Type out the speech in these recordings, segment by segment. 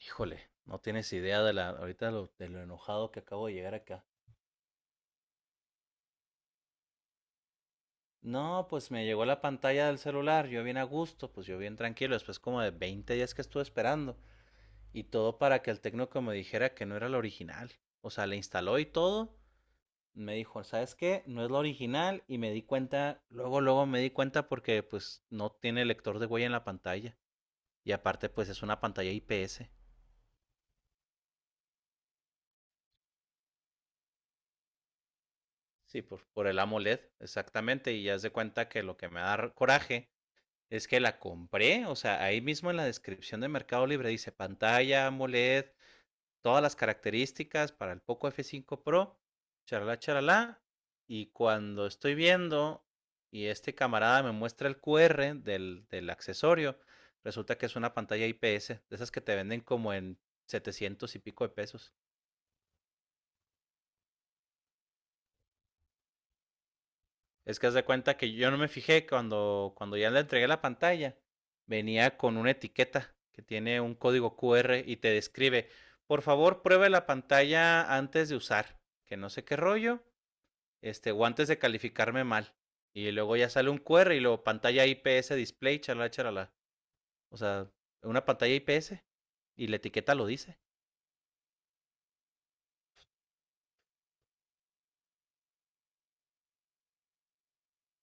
Híjole, no tienes idea de lo enojado que acabo de llegar acá. No, pues me llegó la pantalla del celular, yo bien a gusto, pues yo bien tranquilo, después como de 20 días que estuve esperando. Y todo para que el técnico me dijera que no era la original. O sea, le instaló y todo. Me dijo, ¿sabes qué? No es la original. Y me di cuenta, luego, luego me di cuenta porque pues no tiene lector de huella en la pantalla. Y aparte, pues es una pantalla IPS. Sí, por el AMOLED, exactamente. Y ya se cuenta que lo que me da coraje. Es que la compré, o sea, ahí mismo en la descripción de Mercado Libre dice pantalla AMOLED, todas las características para el Poco F5 Pro, charalá, charalá. Y cuando estoy viendo y este camarada me muestra el QR del accesorio, resulta que es una pantalla IPS, de esas que te venden como en 700 y pico de pesos. Es que haz de cuenta que yo no me fijé cuando ya le entregué la pantalla. Venía con una etiqueta que tiene un código Q R y te describe, por favor, pruebe la pantalla antes de usar, que no sé qué rollo, este, o antes de calificarme mal. Y luego ya sale un Q R y luego pantalla I P S display, chalala, chalala. O sea, una pantalla I P S y la etiqueta lo dice,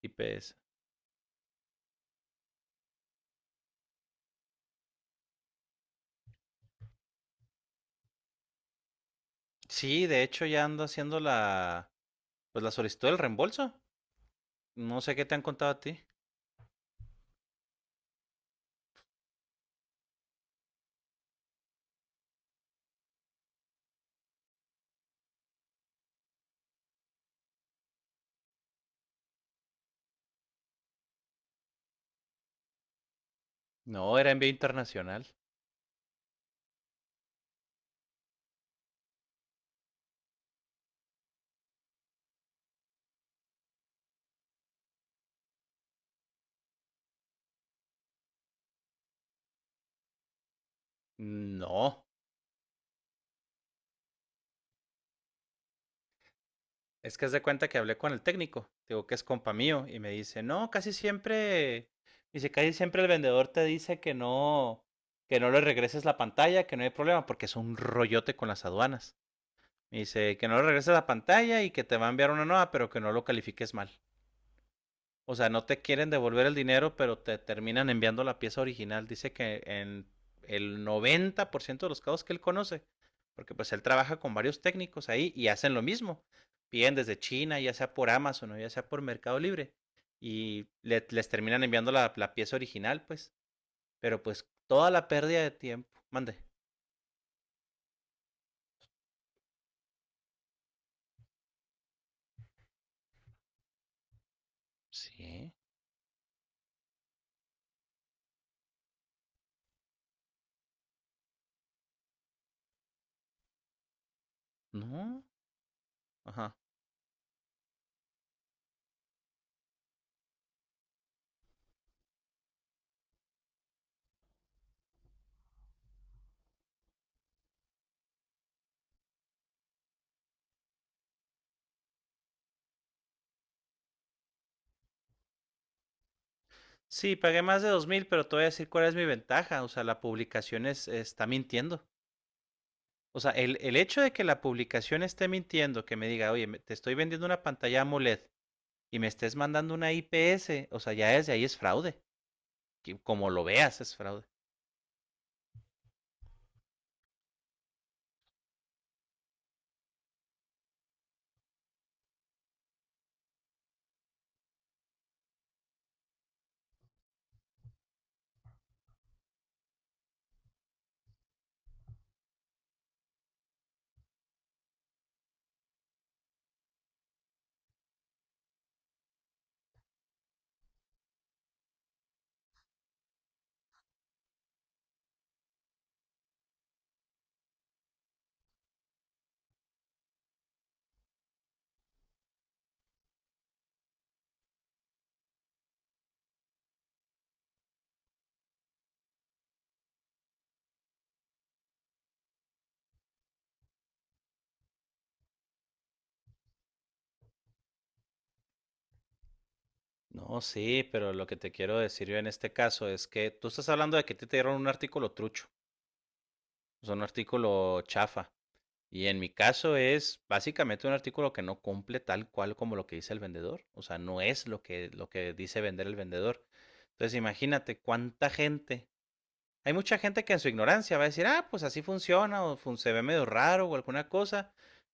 I P S. Sí, de hecho ya ando haciendo la, pues la solicitud del reembolso. No sé qué te han contado a ti. No, era envío internacional. No, es que haz de cuenta que hablé con el técnico, digo que es compa mío, y me dice, no, casi siempre, dice, casi siempre el vendedor te dice que no le regreses la pantalla, que no hay problema, porque es un rollote con las aduanas. Me dice que no le regreses la pantalla y que te va a enviar una nueva, pero que no lo califiques mal. O sea, no te quieren devolver el dinero, pero te terminan enviando la pieza original. Dice que en el 90% de los casos que él conoce, porque pues él trabaja con varios técnicos ahí y hacen lo mismo. Piden desde China, ya sea por Amazon o ya sea por Mercado Libre, y les terminan enviando la pieza original, pues. Pero pues toda la pérdida de tiempo. Mande. Sí. No. Ajá. Sí, pagué más de 2,000, pero te voy a decir cuál es mi ventaja. O sea, la publicación es, está mintiendo. O sea, el hecho de que la publicación esté mintiendo, que me diga, oye, me- te estoy vendiendo una pantalla AMOLED y me estés mandando una IPS, o sea, ya desde ahí es fraude. Que como lo veas, es fraude. No, sí, pero lo que te quiero decir yo en este caso es que tú estás hablando de que a ti te dieron un artículo trucho, o sea, un artículo chafa. Y en mi caso es básicamente un artículo que no cumple tal cual como lo que dice el vendedor. O sea, no es lo que dice vender el vendedor. Entonces, imagínate cuánta gente. Hay mucha gente que en su ignorancia va a decir, ah, pues así funciona, o se ve medio raro o alguna cosa,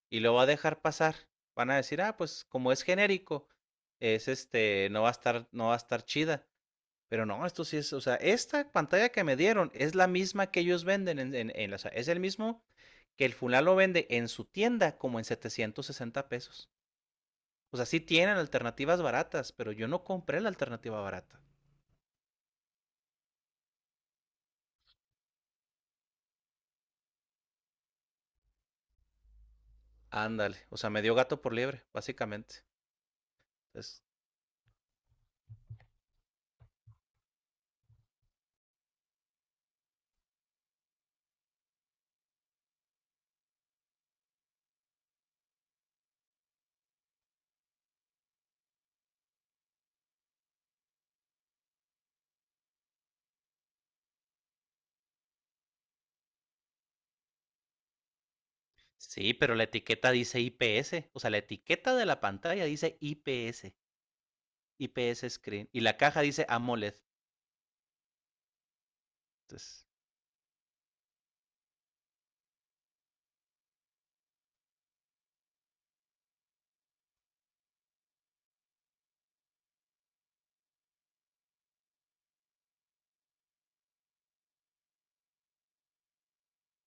y lo va a dejar pasar. Van a decir, ah, pues como es genérico, es este, no va a estar chida. Pero no, esto sí es, o sea, esta pantalla que me dieron es la misma que ellos venden, o sea, es el mismo que el fulano lo vende en su tienda como en 760 pesos. O sea, sí tienen alternativas baratas, pero yo no compré la alternativa barata. Ándale, o sea, me dio gato por liebre, básicamente. Es, Sí, pero la etiqueta dice IPS, o sea, la etiqueta de la pantalla dice IPS, IPS Screen, y la caja dice AMOLED. Entonces,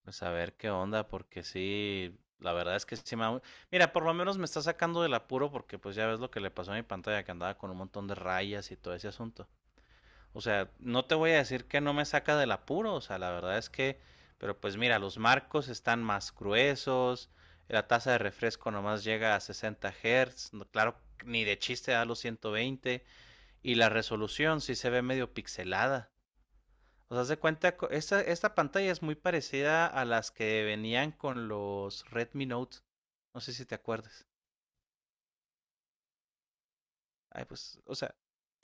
pues a ver qué onda, porque sí, la verdad es que sí Mira, por lo menos me está sacando del apuro porque pues ya ves lo que le pasó a mi pantalla, que andaba con un montón de rayas y todo ese asunto. O sea, no te voy a decir que no me saca del apuro, o sea, la verdad es que, pero pues mira, los marcos están más gruesos, la tasa de refresco nomás llega a 60 Hz, claro, ni de chiste da los 120, y la resolución sí se ve medio pixelada. O sea, se cuenta, esta pantalla es muy parecida a las que venían con los Redmi Note, no sé si te acuerdas. Ay, pues, o sea,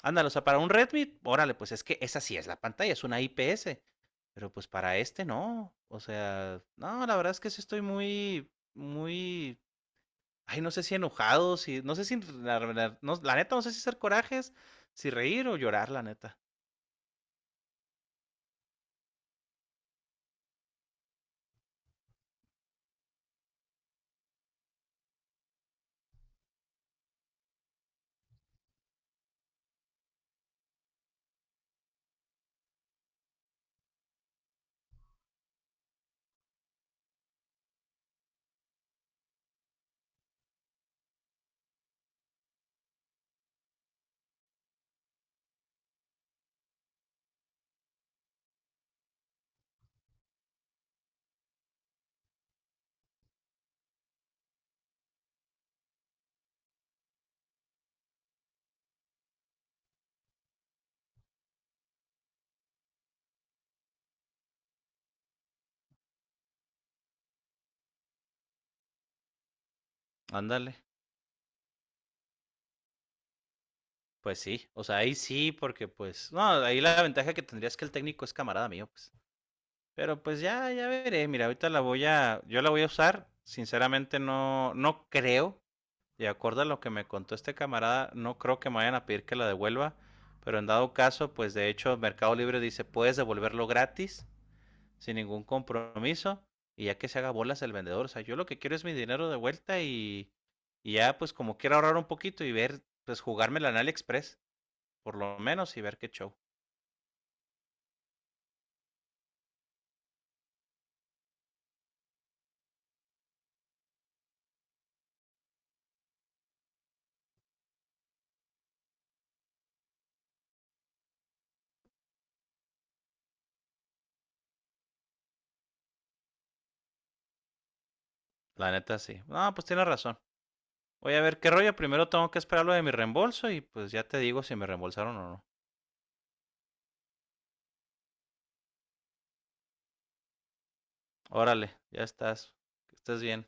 ándale, o sea, para un Redmi, órale, pues es que esa sí es la pantalla, es una IPS. Pero pues para este no. O sea, no, la verdad es que sí estoy muy, muy. Ay, no sé si enojado, si. No sé si. La neta, no sé si hacer corajes, si reír o llorar, la neta. Ándale. Pues sí. O sea, ahí sí, porque pues. No, ahí la ventaja que tendría es que el técnico es camarada mío, pues. Pero pues ya veré. Mira, ahorita yo la voy a usar. Sinceramente no, no creo. De acuerdo a lo que me contó este camarada, no creo que me vayan a pedir que la devuelva. Pero en dado caso, pues de hecho Mercado Libre dice, puedes devolverlo gratis, sin ningún compromiso. Y ya que se haga bolas el vendedor. O sea, yo lo que quiero es mi dinero de vuelta y ya pues como quiero ahorrar un poquito y ver, pues jugármela en AliExpress, por lo menos, y ver qué show. La neta sí. No, pues tiene razón. Voy a ver qué rollo. Primero tengo que esperar lo de mi reembolso y pues ya te digo si me reembolsaron o no. Órale, ya estás. Que estés bien.